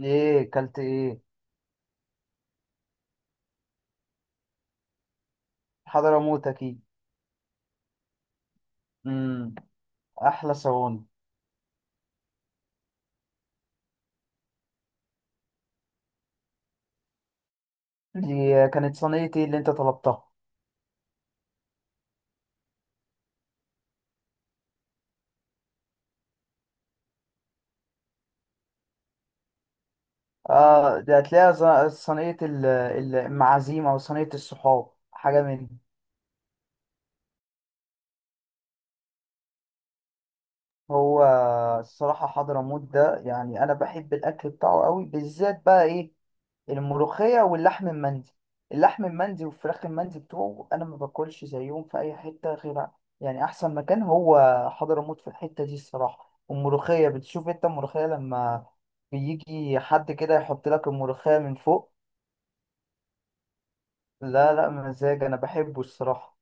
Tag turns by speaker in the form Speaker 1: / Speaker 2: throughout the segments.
Speaker 1: ايه كلت ايه؟ حضرموت اكيد. امم احلى صواني. دي كانت صينيه ايه اللي انت طلبتها؟ اه دي هتلاقيها. صينيه المعازيم او صينيه الصحاب حاجه مني. هو الصراحه حضرموت ده يعني انا بحب الاكل بتاعه قوي، بالذات بقى ايه الملوخية واللحم المندي. اللحم المندي والفراخ المندي بتوعه أنا ما باكلش زيهم في أي حتة غير، يعني أحسن مكان هو حضرموت في الحتة دي الصراحة. والملوخية بتشوف أنت الملوخية لما بيجي حد كده يحط لك الملوخية من فوق، لا لا مزاج، أنا بحبه الصراحة.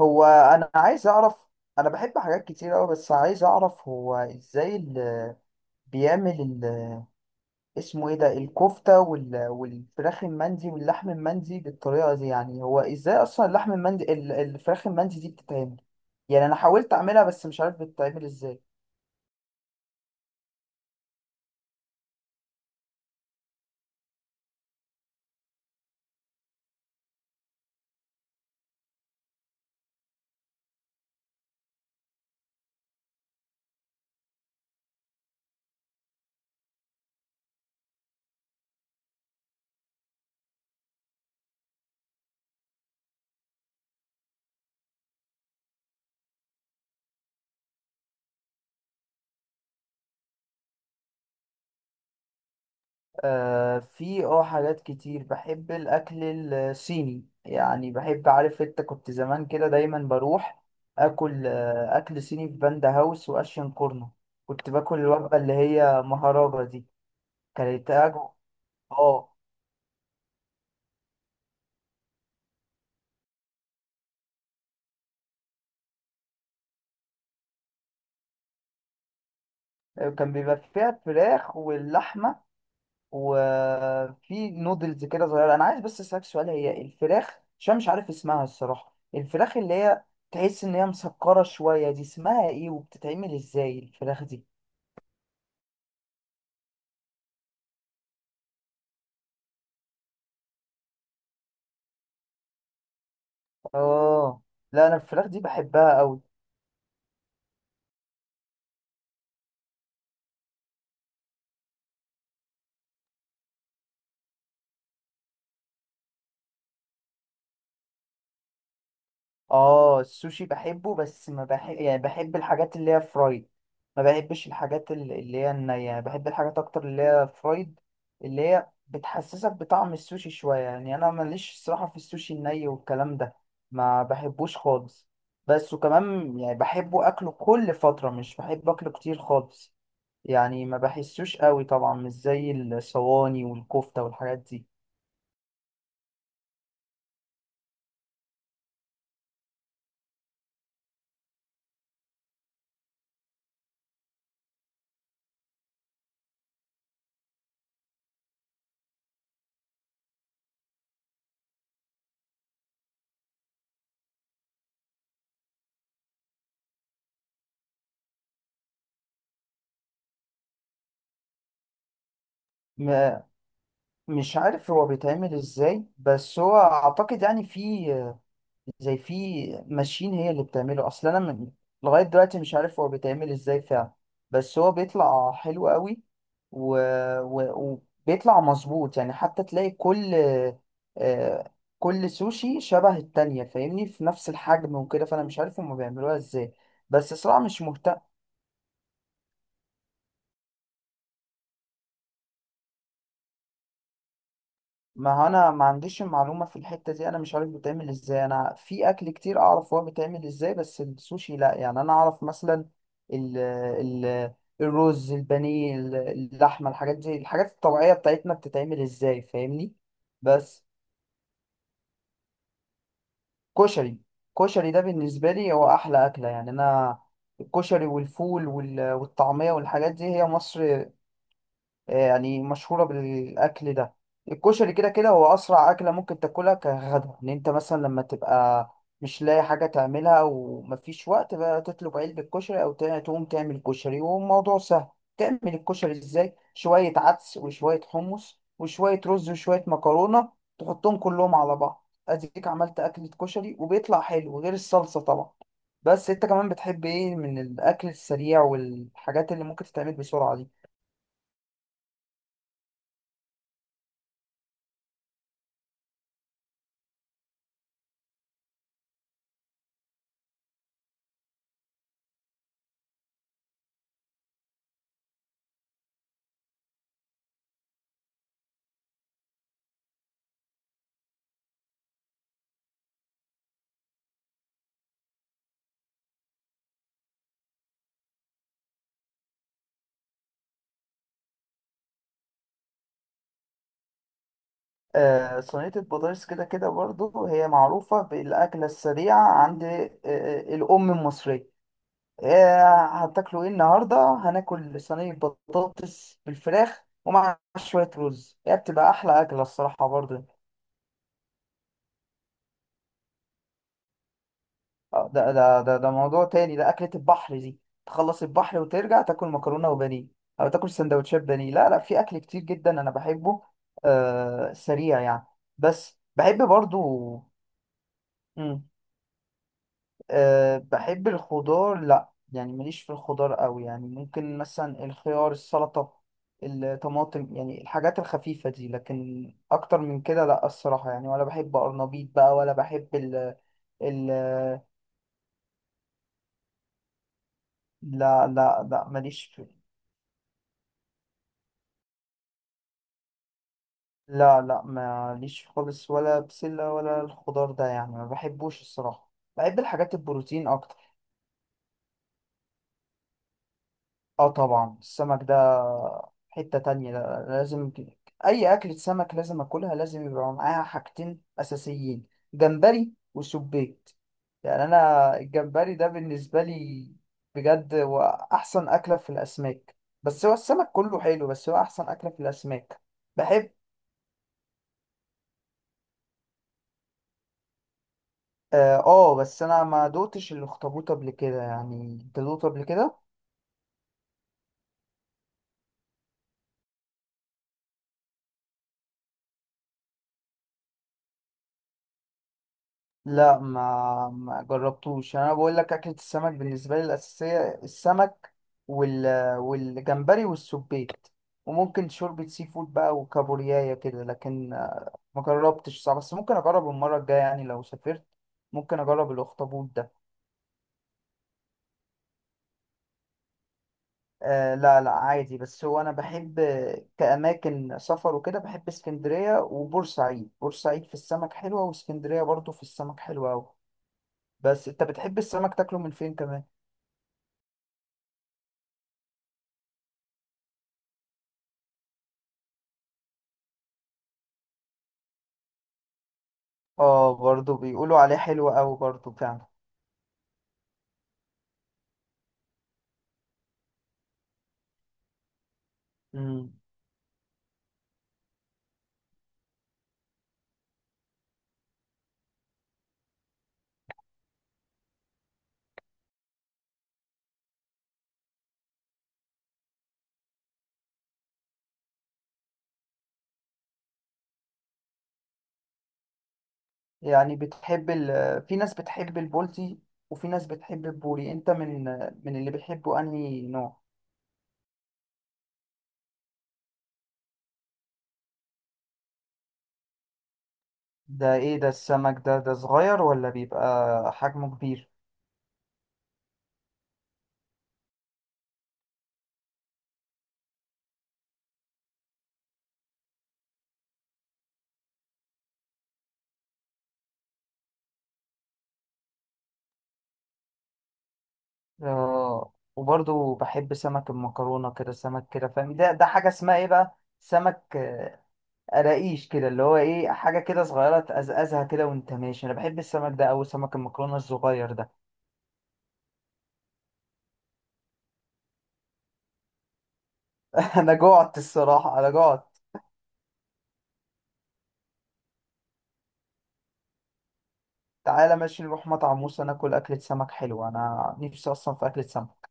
Speaker 1: هو أنا عايز أعرف، أنا بحب حاجات كتير أوي، بس عايز أعرف هو إزاي اللي بيعمل اسمه ايه ده، الكفتة وال... والفراخ المندي واللحم المندي بالطريقة دي. يعني هو ازاي اصلا اللحم المندي الفراخ المندي دي بتتعمل؟ يعني انا حاولت اعملها بس مش عارف بتتعمل ازاي. آه، في اه حاجات كتير، بحب الاكل الصيني يعني. بحب، عارف انت، كنت زمان كده دايما بروح اكل آه اكل صيني في باندا هاوس واشين كورنو. كنت باكل الوجبة اللي هي مهرجة دي. كانت أجو- اه كان بيبقى فيها فراخ واللحمة وفي نودلز كده صغيره. انا عايز بس اسالك سؤال، هي الفراخ، عشان مش عارف اسمها الصراحه، الفراخ اللي هي تحس ان هي مسكره شويه دي، اسمها ايه وبتتعمل ازاي الفراخ دي؟ اه لا، انا الفراخ دي بحبها قوي. اه السوشي بحبه، بس ما بحب، يعني بحب الحاجات اللي هي فرايد. ما بحبش الحاجات اللي هي النية، بحب الحاجات اكتر اللي هي فرايد، اللي هي بتحسسك بطعم السوشي شوية. يعني انا ماليش صراحة في السوشي الني والكلام ده، ما بحبوش خالص. بس وكمان يعني بحبه اكله كل فترة، مش بحب اكله كتير خالص، يعني ما بحسوش قوي طبعا، مش زي الصواني والكفتة والحاجات دي. م- مش عارف هو بيتعمل ازاي، بس هو اعتقد يعني في، زي في ماشين هي اللي بتعمله. اصل انا من لغايه دلوقتي مش عارف هو بيتعمل ازاي فعلا، بس هو بيطلع حلو قوي و... و... وبيطلع مظبوط. يعني حتى تلاقي كل آه، كل سوشي شبه التانية، فاهمني، في نفس الحجم وكده. فانا مش عارف هما بيعملوها ازاي، بس صراحة مش مهتم. ما هو انا ما عنديش المعلومه في الحته دي، انا مش عارف بتعمل ازاي. انا في اكل كتير اعرف هو بيتعمل ازاي، بس السوشي لا. يعني انا اعرف مثلا ال الرز، البانيه، اللحمه، الحاجات دي، الحاجات الطبيعيه بتاعتنا، بتتعمل ازاي فاهمني. بس كشري. كشري ده بالنسبه لي هو احلى اكله يعني. انا الكشري والفول والطعميه والحاجات دي هي مصر يعني، مشهورة بالأكل ده. الكشري كده كده هو أسرع أكلة ممكن تاكلها كغدا. إن أنت مثلا لما تبقى مش لاقي حاجة تعملها ومفيش وقت بقى، تطلب علبة كشري أو تقوم تعمل كشري، والموضوع سهل. تعمل الكشري إزاي؟ شوية عدس وشوية حمص وشوية رز وشوية مكرونة، تحطهم كلهم على بعض، أديك عملت أكلة كشري وبيطلع حلو، غير الصلصة طبعا. بس أنت كمان بتحب إيه من الأكل السريع والحاجات اللي ممكن تتعمل بسرعة دي؟ صينية البطاطس كده كده برضو هي معروفة بالأكلة السريعة عند الأم المصرية. هتاكلوا إيه النهاردة؟ هناكل صينية بطاطس بالفراخ ومع شوية رز. هي بتبقى أحلى أكلة الصراحة برضو. ده موضوع تاني، ده أكلة البحر دي. تخلص البحر وترجع تاكل مكرونة وبانيه، أو تاكل سندوتشات بانيه. لا لا، في أكل كتير جدا أنا بحبه، سريع يعني، بس بحب برضو. أه بحب الخضار، لا يعني ماليش في الخضار قوي. يعني ممكن مثلا الخيار، السلطة، الطماطم، يعني الحاجات الخفيفة دي، لكن أكتر من كده لا الصراحة يعني. ولا بحب قرنبيط بقى، ولا بحب ال، لا لا لا ماليش في. لا لا ماليش خالص، ولا بسلة ولا الخضار ده، يعني ما بحبوش الصراحة. بحب الحاجات البروتين أكتر. اه طبعا السمك ده حتة تانية. ده لازم، أي أكلة سمك لازم أكلها لازم يبقى معاها حاجتين أساسيين، جمبري وسبيت. يعني أنا الجمبري ده بالنسبة لي بجد هو أحسن أكلة في الأسماك. بس هو السمك كله حلو، بس هو أحسن أكلة في الأسماك. بحب، بس أنا ما دوتش الأخطبوط قبل كده. يعني أنت دوقته قبل كده؟ لا ما جربتوش. يعني انا بقول لك اكلة السمك بالنسبة لي الأساسية السمك وال والجمبري والسبيت، وممكن شوربة سي فود بقى وكابوريايا كده، لكن ما جربتش صح، بس ممكن اجرب المرة الجاية يعني لو سافرت ممكن اجرب الاخطبوط ده. آه لا لا عادي، بس هو انا بحب كأماكن سفر وكده بحب اسكندرية وبورسعيد. بورسعيد في السمك حلوة، واسكندرية برضو في السمك حلوة أوي. بس انت بتحب السمك تاكله من فين كمان؟ اه برضو بيقولوا عليه حلو قوي برضو فعلا. امم يعني بتحب ال... في ناس بتحب البولتي وفي ناس بتحب البوري، انت من اللي بتحبه انهي نوع؟ ده ايه ده السمك ده؟ ده صغير ولا بيبقى حجمه كبير؟ آه وبرضو بحب سمك المكرونة كده، سمك كده فاهم، ده ده حاجة اسمها ايه بقى، سمك قراقيش كده، اللي هو ايه، حاجة كده صغيرة تقزقزها كده وانت ماشي. انا بحب السمك ده اوي، سمك المكرونة الصغير ده. انا جوعت الصراحة، انا جوعت. تعالى ماشي، نروح مطعم موسى ناكل أكلة سمك حلوة، أنا نفسي أصلا في أكلة سمك.